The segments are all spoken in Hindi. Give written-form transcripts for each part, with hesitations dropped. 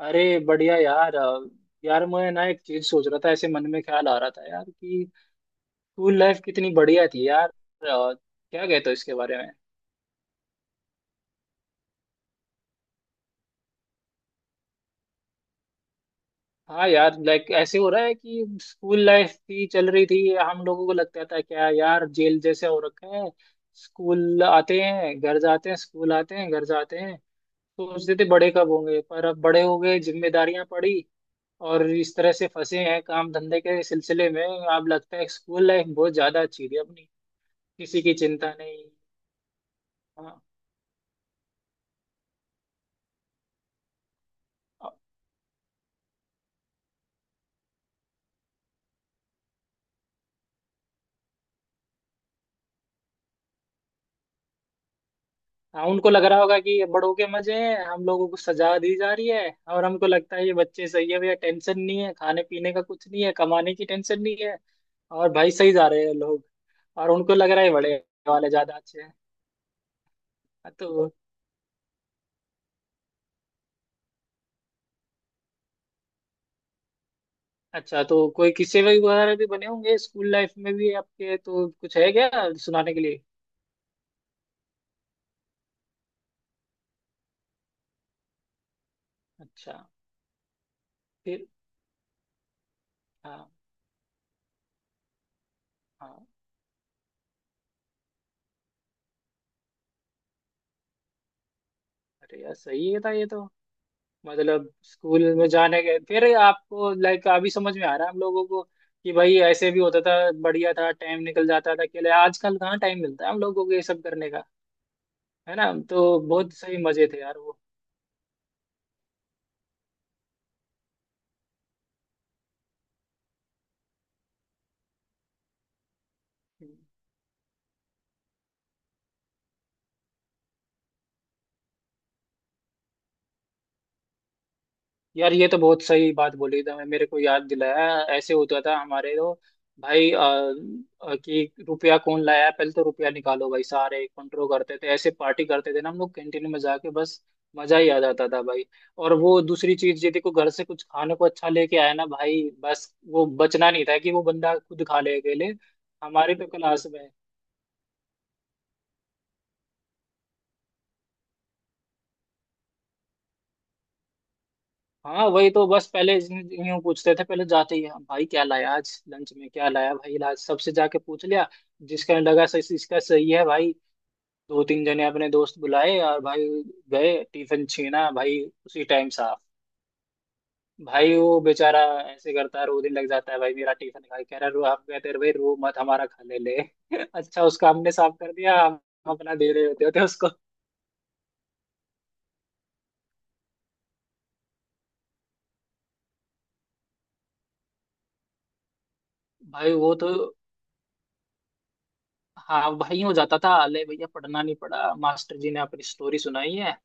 अरे बढ़िया यार। यार मैं ना एक चीज सोच रहा था, ऐसे मन में ख्याल आ रहा था यार कि स्कूल लाइफ कितनी बढ़िया थी यार। क्या कहते हो इसके बारे में? हाँ यार, लाइक ऐसे हो रहा है कि स्कूल लाइफ थी, चल रही थी, हम लोगों को लगता था क्या यार जेल जैसे हो रखा है। स्कूल आते हैं घर जाते हैं, स्कूल आते हैं घर जाते हैं। सोचते थे बड़े कब होंगे, पर अब बड़े हो गए, जिम्मेदारियां पड़ी और इस तरह से फंसे हैं काम धंधे के सिलसिले में। अब लगता है स्कूल लाइफ बहुत ज्यादा अच्छी थी अपनी। किसी की चिंता नहीं। हाँ। हाँ, उनको लग रहा होगा कि ये बड़ों के मजे हैं, हम लोगों को सजा दी जा रही है। और हमको लगता है ये बच्चे सही है भैया, टेंशन नहीं है, खाने पीने का कुछ नहीं है, कमाने की टेंशन नहीं है, और भाई सही जा रहे हैं लोग। और उनको लग रहा है बड़े वाले ज्यादा अच्छे हैं। हाँ, तो। अच्छा, तो कोई किस्से वही वगैरह भी बने होंगे स्कूल लाइफ में भी आपके? तो कुछ है क्या सुनाने के लिए? अच्छा। फिर। हाँ हाँ। अरे यार सही है था ये तो। मतलब स्कूल में जाने के फिर आपको लाइक अभी समझ में आ रहा है हम लोगों को कि भाई ऐसे भी होता था। बढ़िया था, टाइम निकल जाता था अकेले। आजकल कहाँ टाइम मिलता है हम लोगों को ये सब करने का? है ना? तो बहुत सही मजे थे यार वो। यार ये तो बहुत सही बात बोली, था मेरे को याद दिलाया। ऐसे होता था हमारे तो भाई। कि रुपया कौन लाया? पहले तो रुपया निकालो भाई, सारे कंट्रोल करते थे, ऐसे पार्टी करते थे ना हम लोग कैंटीन में जाके। बस मजा ही आ जाता था भाई। और वो दूसरी चीज, यदि को घर से कुछ खाने को अच्छा लेके आया ना भाई, बस वो बचना नहीं था कि वो बंदा खुद खा ले अकेले। हमारी तो क्लास में हाँ वही तो, बस पहले यूं पूछते थे, पहले जाते ही, हाँ भाई क्या लाया आज लंच में, क्या लाया भाई, आज सबसे जाके पूछ लिया, जिसका लगा सही, इसका सही है भाई। दो तीन जने अपने दोस्त बुलाए और भाई गए, टिफिन छीना भाई, उसी टाइम साफ। भाई वो बेचारा ऐसे करता है रो, दिन लग जाता है भाई मेरा टिफिन खा के, कह रहा है रो, आप कहते हैं भाई रो मत, हमारा खा ले ले। अच्छा, उसका हमने साफ कर दिया, हम अपना दे रहे होते होते उसको। भाई वो तो, हाँ भाई हो जाता था, ले भैया पढ़ना नहीं पड़ा, मास्टर जी ने अपनी स्टोरी सुनाई है।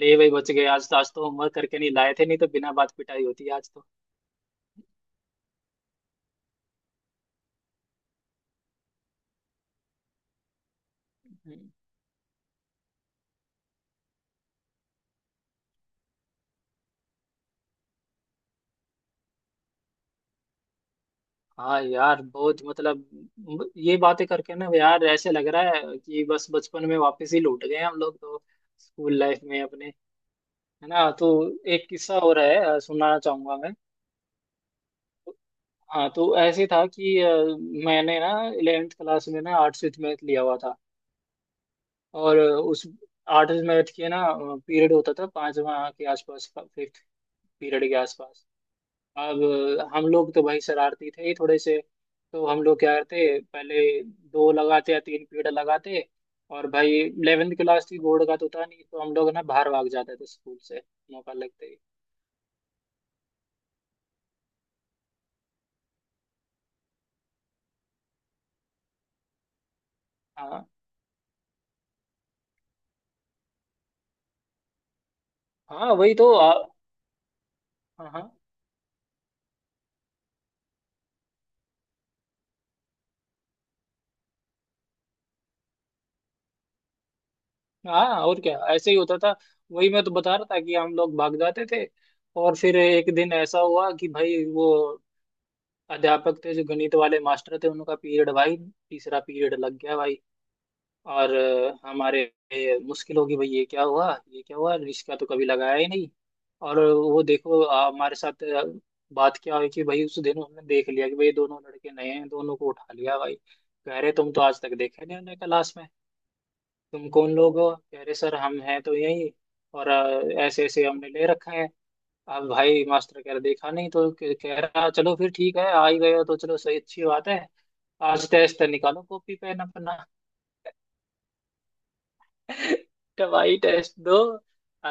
ले भाई बच गए आज तो, आज तो होमवर्क करके नहीं लाए थे, नहीं तो बिना बात पिटाई होती आज तो। हम्म। हाँ यार बहुत मतलब, ये बातें करके ना यार ऐसे लग रहा है कि बस बचपन में वापस ही लौट गए हम लोग तो, स्कूल लाइफ में अपने। है ना? तो एक किस्सा हो रहा है, सुनाना चाहूंगा मैं। हाँ तो ऐसे था कि मैंने ना 11th क्लास में ना आर्ट्स विथ मैथ लिया हुआ था। और उस आठ मैथ के ना पीरियड होता था पांचवा के आसपास, फिफ्थ पीरियड के आसपास। अब हम लोग तो भाई शरारती थे ही थोड़े से, तो हम लोग क्या करते, पहले दो लगाते या तीन पीरियड लगाते, और भाई 11th क्लास थी, बोर्ड का तो था नहीं, तो हम लोग ना बाहर भाग जाते थे स्कूल से, मौका लगते ही। हाँ हाँ वही तो। हाँ हाँ। हाँ, और क्या ऐसे ही होता था। वही मैं तो बता रहा था कि हम लोग भाग जाते थे और फिर एक दिन ऐसा हुआ कि भाई वो अध्यापक थे जो गणित वाले मास्टर थे, उनका पीरियड भाई तीसरा पीरियड लग गया भाई। और हमारे, मुश्किल होगी भाई, ये क्या हुआ, ये क्या हुआ, इसका तो कभी लगाया ही नहीं। और वो देखो हमारे साथ, बात क्या हुई कि भाई उस दिन हमने देख लिया कि भाई दोनों लड़के नए हैं, दोनों को उठा लिया भाई। कह रहे तुम तो आज तक देखे नहीं हमने क्लास में, तुम कौन लोग हो? कह रहे सर हम हैं तो यही, और ऐसे ऐसे हमने ले रखा है। अब भाई मास्टर कह रहा देखा नहीं, तो कह कह रहा चलो फिर ठीक है, आ ही गए हो तो चलो सही, अच्छी बात है, आज टेस्ट निकालो कॉपी पेन अपना। तो भाई टेस्ट दो।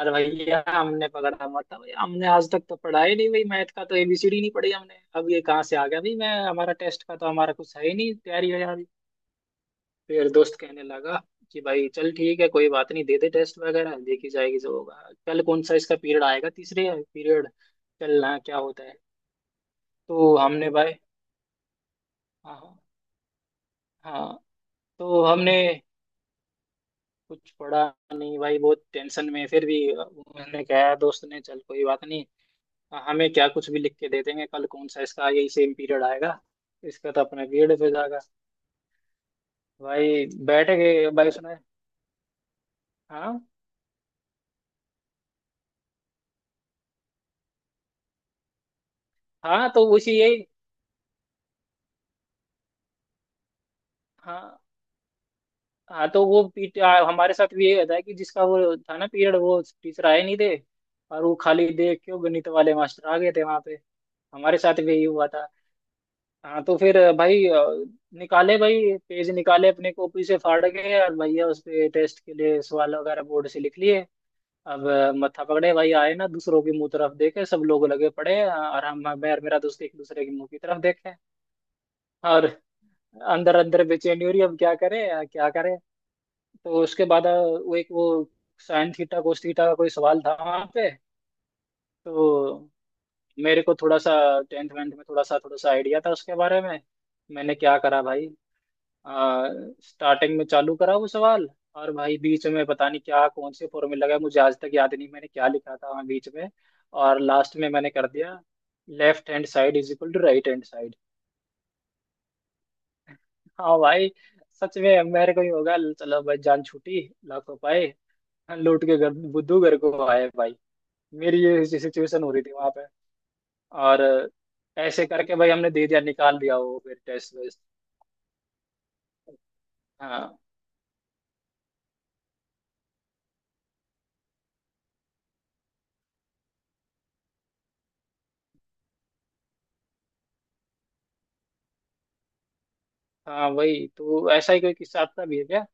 अरे भैया हमने पकड़ा मत भाई, हमने आज तक तो पढ़ा ही नहीं भाई, मैथ का तो एबीसीडी नहीं पढ़ी हमने, अब ये कहाँ से आ गया भाई मैं, हमारा टेस्ट का तो हमारा कुछ है ही नहीं तैयारी है यार। फिर दोस्त कहने लगा कि भाई चल ठीक है कोई बात नहीं दे दे, टेस्ट वगैरह देखी जाएगी जो होगा, कल कौन सा इसका पीरियड आएगा तीसरे पीरियड, चलना क्या होता है। तो हमने भाई, हाँ हाँ, तो हमने कुछ पड़ा नहीं भाई, बहुत टेंशन में, फिर भी मैंने कहा, दोस्त ने चल कोई बात नहीं, हमें क्या, कुछ भी लिख के दे देंगे, कल कौन सा इसका यही सेम पीरियड आएगा, इसका तो अपना पीरियड पे जाएगा। भाई बैठ गए भाई सुना। हाँ हाँ तो उसी यही। हाँ हाँ तो वो पीट हमारे साथ भी यही होता है कि जिसका वो था ना पीरियड वो टीचर आए नहीं थे, और वो खाली देख क्यों गणित वाले मास्टर आ गए थे वहां पे, हमारे साथ भी यही हुआ था। हाँ तो फिर भाई निकाले भाई पेज, निकाले अपने कॉपी से फाड़ के, और भैया उस पे टेस्ट के लिए सवाल वगैरह बोर्ड से लिख लिए। अब मत्था पकड़े भाई आए ना, दूसरों की मुंह तरफ देखे, सब लोग लगे पड़े, और हम, मैं और मेरा दोस्त एक दूसरे की मुंह की तरफ देखे। और अंदर अंदर बेचैनी हो रही, अब क्या करें, क्या करें। तो उसके बाद वो साइन थीटा कोस थीटा का कोई सवाल था वहां पे। तो मेरे को थोड़ा सा टेंथ वेंथ में थोड़ा सा आइडिया था उसके बारे में। मैंने क्या करा भाई, आ, स्टार्टिंग में चालू करा वो सवाल, और भाई बीच में पता नहीं क्या, कौन से फॉर्मूला का मुझे आज तक याद नहीं मैंने क्या लिखा था वहाँ बीच में। और लास्ट में मैंने कर दिया left hand side is equal to right hand side. हाँ भाई, सच में मेरे को ही होगा, चलो भाई जान छूटी, लाखों पाए, लौट के घर, बुद्धू घर को आए भाई। मेरी ये सिचुएशन हो रही थी वहां पे। और ऐसे करके भाई हमने दे दिया, निकाल दिया वो फिर टेस्ट वेस्ट। हाँ हाँ वही तो। ऐसा ही कोई किस्सा आपका भी है क्या?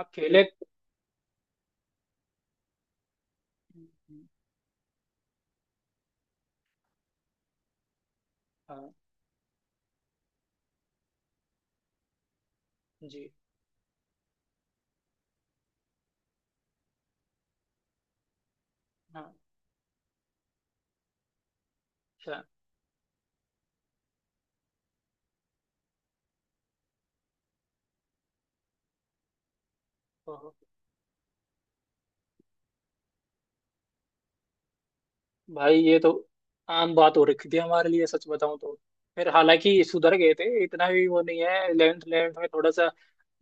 आप खेले। हम्म। हाँ जी हाँ। अच्छा, तो भाई ये तो आम बात हो रखी थी हमारे लिए सच बताऊं तो। फिर हालांकि सुधर गए थे, इतना भी वो नहीं है। इलेवेंथ इलेवेंथ में थोड़ा सा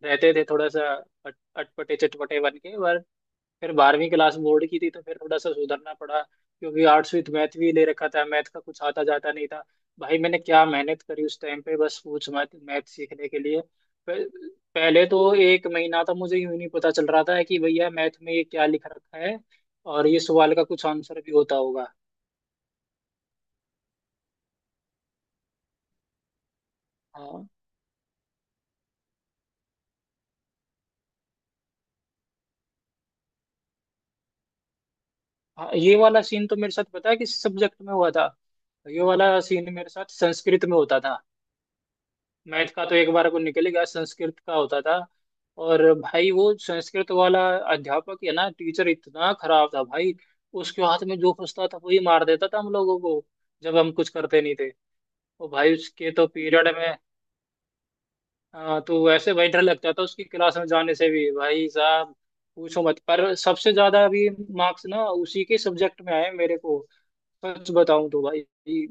रहते थे थोड़ा सा अटपटे चटपटे बन के, पर फिर 12वीं क्लास बोर्ड की थी तो फिर थोड़ा सा सुधरना पड़ा, क्योंकि आर्ट्स विद मैथ भी ले रखा था, मैथ का कुछ आता जाता नहीं था भाई। मैंने क्या मेहनत करी उस टाइम पे बस पूछ मत, मैथ सीखने के लिए पहले तो एक महीना था मुझे यूं ही नहीं पता चल रहा था कि भैया मैथ में ये क्या लिख रखा है, और ये सवाल का कुछ आंसर भी होता होगा। हाँ हाँ। ये वाला सीन तो मेरे साथ पता है किस सब्जेक्ट में हुआ था? ये वाला सीन मेरे साथ संस्कृत में होता था। मैथ का तो एक बार को निकल ही गया, संस्कृत का होता था। और भाई वो संस्कृत वाला अध्यापक है ना, टीचर इतना खराब था भाई, उसके हाथ में जो फंसता था वही मार देता था हम लोगों को, जब हम कुछ करते नहीं थे। और भाई उसके तो पीरियड में, हाँ, तो ऐसे भाई डर लगता था उसकी क्लास में जाने से भी भाई साहब, पूछो मत। पर सबसे ज्यादा अभी मार्क्स ना उसी के सब्जेक्ट में आए मेरे को, सच बताऊं तो भाई,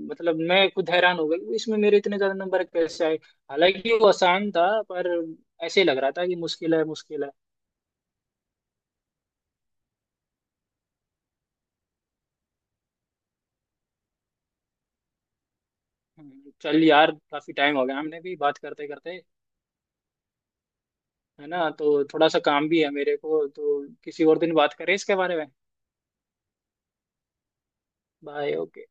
मतलब मैं खुद हैरान हो गया कि इसमें मेरे इतने ज्यादा नंबर कैसे आए। हालांकि वो आसान था, पर ऐसे लग रहा था कि मुश्किल है मुश्किल है। चल यार काफी टाइम हो गया हमने भी बात करते करते। है ना? तो थोड़ा सा काम भी है मेरे को, तो किसी और दिन बात करें इसके बारे में। बाय। ओके।